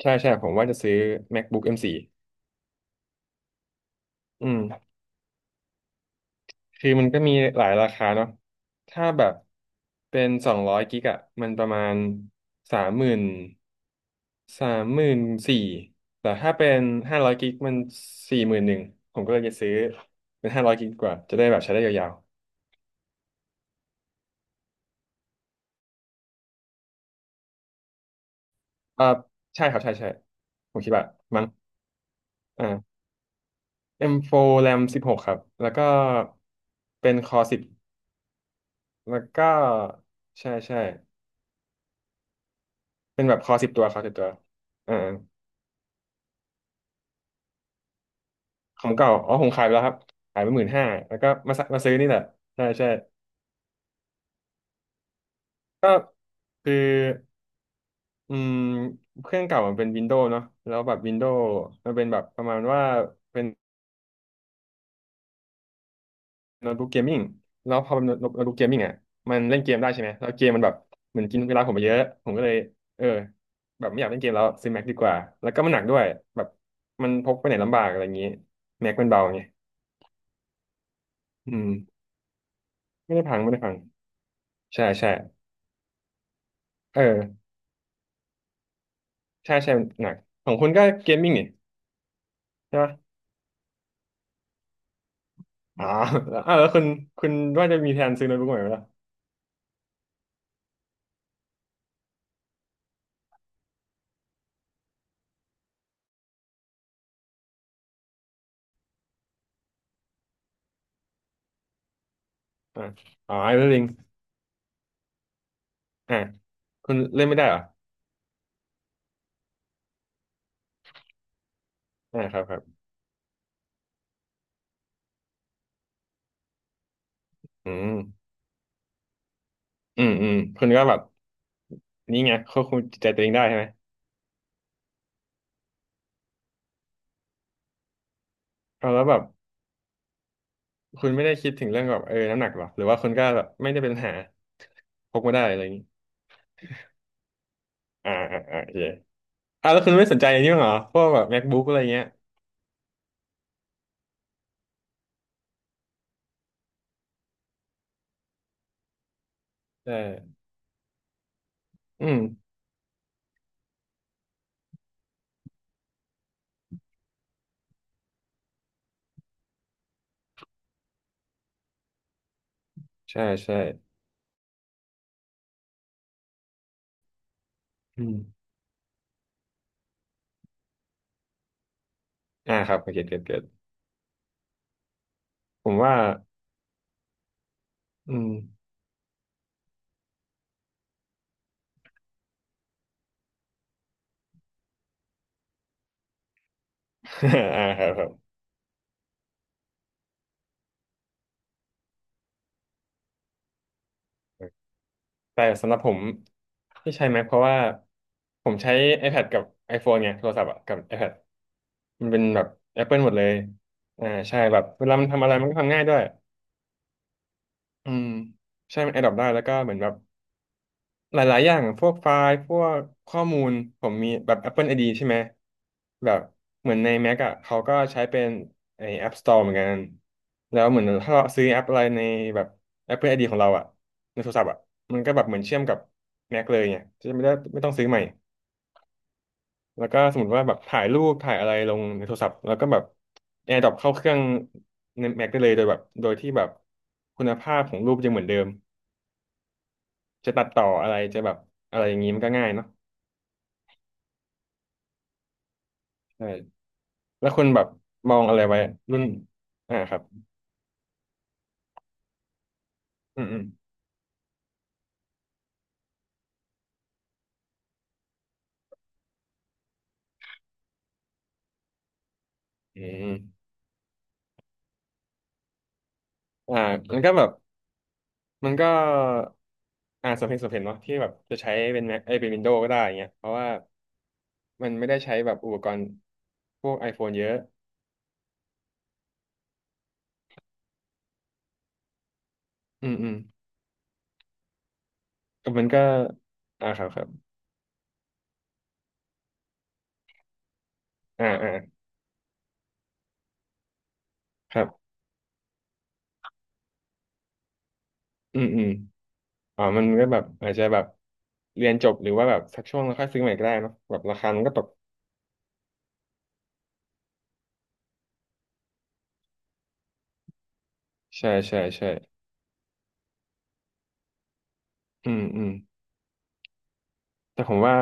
ใช่ใช่ผมว่าจะซื้อ MacBook M4 อมโฟร์อืมคือมันก็มีหลายราคาเนาะถ้าแบบเป็นสองร้อยกิกอะมันประมาณสามหมื่นสามหมื่นสี่แต่ถ้าเป็นห้าร้อยกิกมันสี่หมื่นหนึ่งผมก็เลยจะซื้อเป็นห้าร้อยกิกดีกว่าจะได้แบบใช้ได้ยาวๆใช่ครับใช่ใช่ผมคิดว่ามั้งอ่า M4 RAM 16ครับ แล้วก็เป็นคอ10แล้วก็ใช่ใช่ เป็นแบบคอสิบตัวคอสิบตัวอ่าของเก่าอ๋อผมขายไปแล้วครับขายไปหมื่นห้าแล้วก็มาซะมาซื้อนี่แหละใช่ใช่ก็คืออืมเครื่องเก่ามันเป็นวินโดว์เนาะแล้วแบบวินโดว์มันเป็นแบบประมาณว่าเป็นโน้ตบุ๊กเกมมิ่งแล้วพอเป็นโน้ตบุ๊กเกมมิ่งอ่ะมันเล่นเกมได้ใช่ไหม แล้วเกมมันแบบเหมือนกินเวลาผมไปเยอะ ผมก็เลยเออแบบไม่อยากเล่นเกมแล้วซื้อแม็กดีกว่า แล้วก็มันหนักด้วยแบบมันพกไปไหนลำบากอะไรอย่างนี้แม็กมันเบาไงอืมไม่ได้พังใช่ใช่ เออใช่ใช่หนักของคุณก็เกมมิ่งนี่ใช่ปหมอ๋อแล้วแล้วคุณว่าจะมีแผนซื้อโน้ตบุ๊กใหม่ไหมล่ะอ่าอ๋อไอ้เรื่องอ่าคุณเล่นไม่ได้เหรออ่าครับครับอืมคุณก็แบบนี่ไงควบคุมจิตใจตัวเองได้ใช่ไหมเอาแล้วแบบคุณไม่ได้คิดถึงเรื่องแบบน้ำหนักหรอหรือว่าคุณก็แบบไม่ได้เป็นปัญหาพกมาได้อะไรอย่างนี้อ่าโอเคแล้วคุณไม่สนใจอันนี้บ้างเหรอพวกแบบ MacBook อะไรเงี้ยเอออืมใช่ใช่อืมอ่าครับเก็ต ผมว่าอืม ครับครับแต่สำหรับผมที่ใช้ Mac เพราะว่าผมใช้ iPad กับ iPhone ไงโทรศัพท์อะกับ iPad มันเป็นแบบ Apple หมดเลยใช่แบบเวลามันทำอะไรมันก็ทำง่ายด้วยอืมใช่มัน a d ด p อได้แล้วก็เหมือนแบบ หลายๆอย่างพวกไฟล์ พวกข้อมูล ผมมีแบบ Apple ID ใช่ไหมแบบเหมือนใน Mac อ่ะเขาก็ใช้เป็นไอ้ App Store เหมือนกัน แล้วเหมือนถ้าเราซื้อแอปอะไรในแบบ Apple ID ของเราอ่ะในโทรศัพท์อ่ะมันก็แบบเหมือนเชื่อมกับ Mac เลยไงจะไม่ได้ไม่ต้องซื้อใหม่ แล้วก็สมมติว่าแบบถ่ายรูปถ่ายอะไรลงในโทรศัพท์ แล้วก็แบบ AirDrop เข้าเครื่องใน Mac ได้เลยโดยแบบโดยที่แบบคุณภาพของรูปยังเหมือนเดิม จะตัดต่ออะไรจะแบบอะไรอย่างนี้มันก็ง่ายเนาะใช่ แล้วคุณแบบมองอะไรไว้รุ่นครับอืมอืมอืมอ่ามันก็แบบมันก็สมเหตุสมผลเนาะที่แบบจะใช้เป็นแม็กไอยเป็นวินโดว์ก็ได้อย่างเงี้ยเพราะว่ามันไม่ได้ใช้แบบอุปกรณ์พวก iPhone เยอะอืมอืมก็มันก็อ่าครับครับอ่าอ่าครับอืมอืมอ๋อมันก็แบบอาจจะแบบเรียนจบหรือว่าแบบสักช่วงแล้วค่อยซื้อใหม่ก็ได้เนาะแบบราคามันก็ตกใช่ใช่ใช่อืมอืมแต่ผมว่า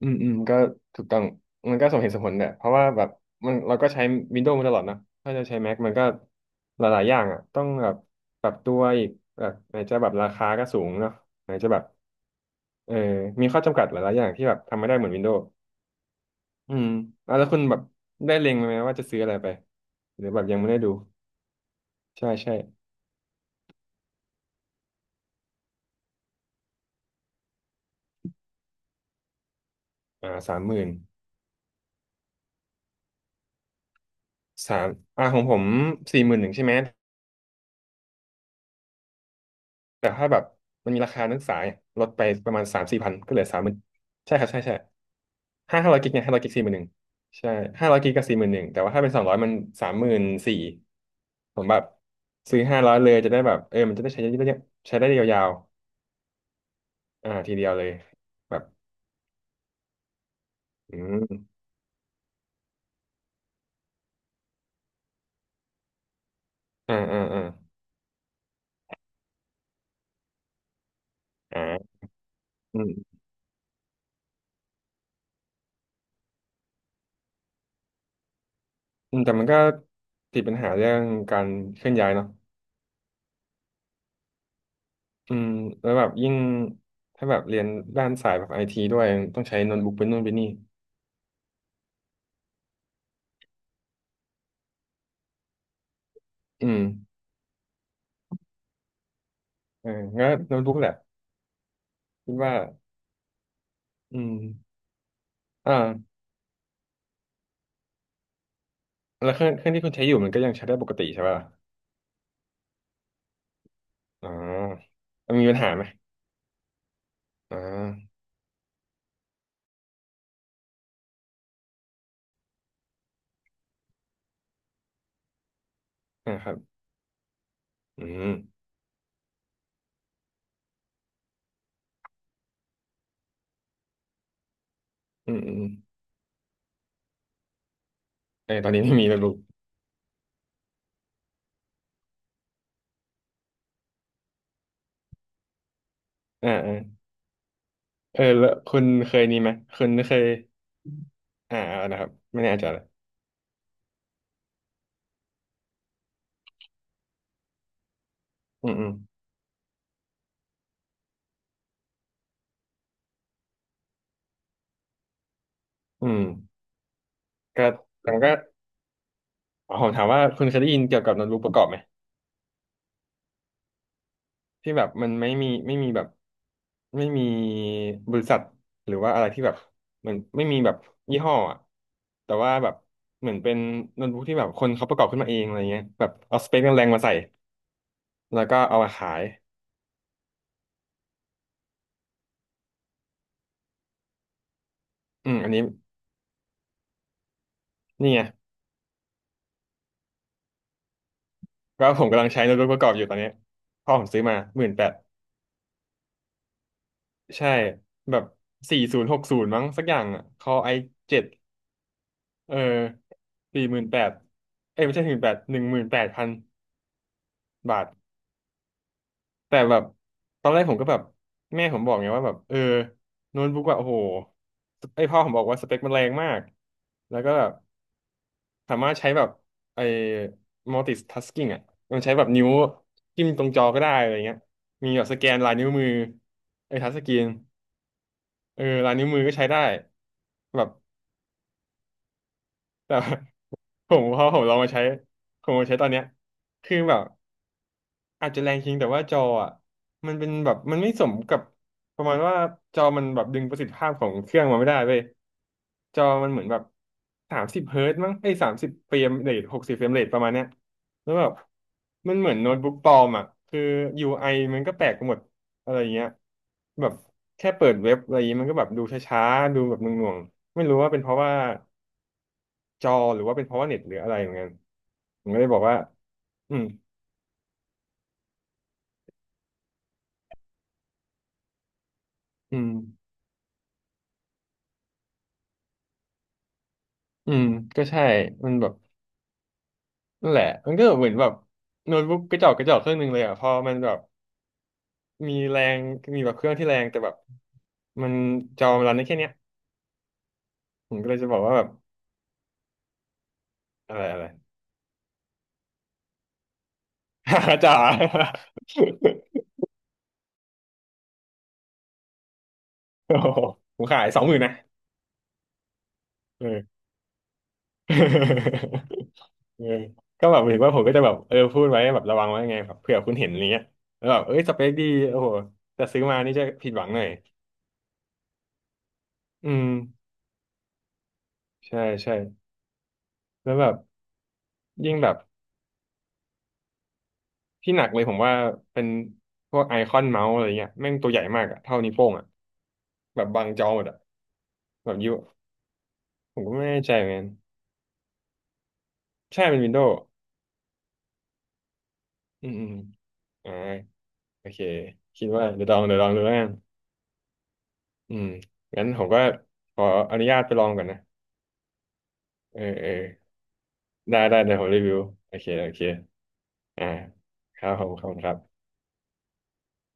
ก็ถูกต้องมันก็สมเหตุสมผลเนี่ยเพราะว่าแบบมันเราก็ใช้ Windows มาตลอดนะถ้าจะใช้ Mac มันก็หลายๆอย่างอ่ะต้องแบบปรับตัวอีกแบบไหนจะแบบราคาก็สูงเนาะไหนจะแบบเออมีข้อจำกัดหลายๆอย่างที่แบบทำไม่ได้เหมือน Windows อืมอ่ะแล้วคุณแบบได้เล็งไหมว่าจะซื้ออะไรไปหรือแบบยังไม่ได้ดูใช่ใช่สามหมื่นสามของผมสี่หมื่นหนึ่งใช่ไหม แต่ถ้าแบบมันมีราคานักศึกษาเนี่ยลดไปประมาณสามสี่พันก็เหลือสามหมื่นใช่ครับใช่ใช่ห้าห้าร้อยกิกเนี่ยห้าร้อยกิกสี่หมื่นหนึ่งใช่ห้าร้อยกิกก็สี่หมื่นหนึ่งแต่ว่าถ้าเป็นสองร้อยมันสามหมื่นสี่ผมแบบซื้อห้าร้อยเลยจะได้แบบมันจะได้ใช้ได้เยอะใช้ได้ยาวๆทีเดียวเลยแบบอืมอ่าอ่าอ่าอ่าอืมแต่มันก็ติดปัญหาเรื่องการเคลื่อนย้ายเนาะอืมแล้วแบบยิ่งถ้าแบบเรียนด้านสายแบบไอทีด้วยต้องใช้โน้ตบุ๊กเป็นนู่นเป็นนี่ อืมเอองั้นโน้ตบุ๊กแหละคิดว่าอืมอ่าแล้วเครื่องที่คุณใช้อยู่มันก็ยังใช้ได้ปกติใช่ป่ะอ๋อมันมีปัญหาไหมอ๋ออ่าครับอืมอืมอืมเออตอนนี้ไม่มีโน้ตบุ๊กอ่าอ่าเออแล้วคุณเคยนี่ไหมคุณเคยอ่าเอานะครับไม่แน่ใจเลยอืมอืมอืมก็แต่มก็ขอผมถามว่าคุณเคยได้ยินเกี่ยวกับโน้ตบุ๊กประกอบไหม ที่แบบมันไม่มีบริษัทหรือว่าอะไรที่แบบเหมือนไม่มีแบบยี่ห้ออะแต่ว่าแบบเหมือนเป็นโน้ตบุ๊กที่แบบคนเขาประกอบขึ้นมาเองอะไรเงี้ยแบบเอาสเปคแรงๆมาใส่แล้วก็เอามาขายอืมอันนี้นี่ไงก็ผมกำลังใช้โน้ตบุ๊กประกอบอยู่ตอนเนี้ยพ่อผมซื้อมาหมื่นแปดใช่แบบ4060มั้งสักอย่างอ่ะคอไอ7เออ48000เอ้ยไม่ใช่หมื่นแปด18,000บาท แต่แบบตอนแรกผมก็แบบแม่ผมบอกไงว่าแบบเออโน้ตบุ๊กแบบโอ้โหไอพ่อผมบอกว่าสเปคมันแรงมากแล้วก็แบบสามารถใช้แบบไอ multitasking อ่ะมันใช้แบบนิ้วจิ้มตรงจอก็ได้อะไรเงี้ยมีแบบสแกนลายนิ้วมือไอทัชสกรีนเออลายนิ้วมือก็ใช้ได้แบบแต่ ผมพอผมลองมาใช้ผมมาใช้ตอนเนี้ยคือแบบ อาจจะแรงจริงแต่ว่าจออ่ะมันเป็นแบบมันไม่สมกับประมาณว่าจอมันแบบดึงประสิทธิภาพของเครื่องมาไม่ได้เว้ยจอมันเหมือนแบบสามสิบเฮิร์ตซ์มั้งไอ้สามสิบเฟรมเรท60เฟรมเรทประมาณเนี้ยแล้วแบบมันเหมือนโน้ตบุ๊กปลอมอ่ะคือ UI มันก็แปลกไปหมดอะไรเงี้ยแบบแค่เปิดเว็บอะไรเงี้ยมันก็แบบดูช้าๆดูแบบหน่วงๆไม่รู้ว่าเป็นเพราะว่าจอหรือว่าเป็นเพราะว่าเน็ตหรืออะไรเหมือนกันผมก็เลยบอกว่าอืมอืมอืมก็ใช่มันแบบ นั่นแหละมันก็เหมือนแบบโน้ตบุ๊กกระจอกกระจอกเครื่องหนึ่งเลยอ่ะพอมันแบบมีแรงมีแบบเครื่องที่แรงแต่แบบมันจอมันรันได้แค่เนี้ยผมก็เลยจะบอกว่าแบบอะไรอะไร จ๋า โอ้โหผมขาย20,000นะเออ เออก็แบบเห็นว่าผมก็จะแบบเออพูดไว้แบบระวังไว้ไงแบบเผื่อคุณเห็นอะไรเงี้ยแล้วแบบเอ้ยสเปคดีโอ้โหแต่ซื้อมานี่จะผิดหวังหน่อยอืมใช่ใช่แล้วแบบยิ่งแบบ ที่หนักเลยผมว่าเป็นพวกไอคอนเมาส์อะไรเงี้ยแม่งตัวใหญ่มากอะเท่านิ้วโป้งอะแบบบังจอหมดอะแบบยูผมก็ไม่แน่ใจเหมือนกันใช่เป็นวินโดว์อืมอืมอ่าโอเคคิดว่าเดี๋ยวลองเดี๋ยวลองดูแล้วกันอืมงั้นผมก็ขออนุญาตไปลองก่อนนะเออเออได้ได้เดี๋ยวผมรีวิวโอเคโอเคอ่าครับผมขอบคุณครับ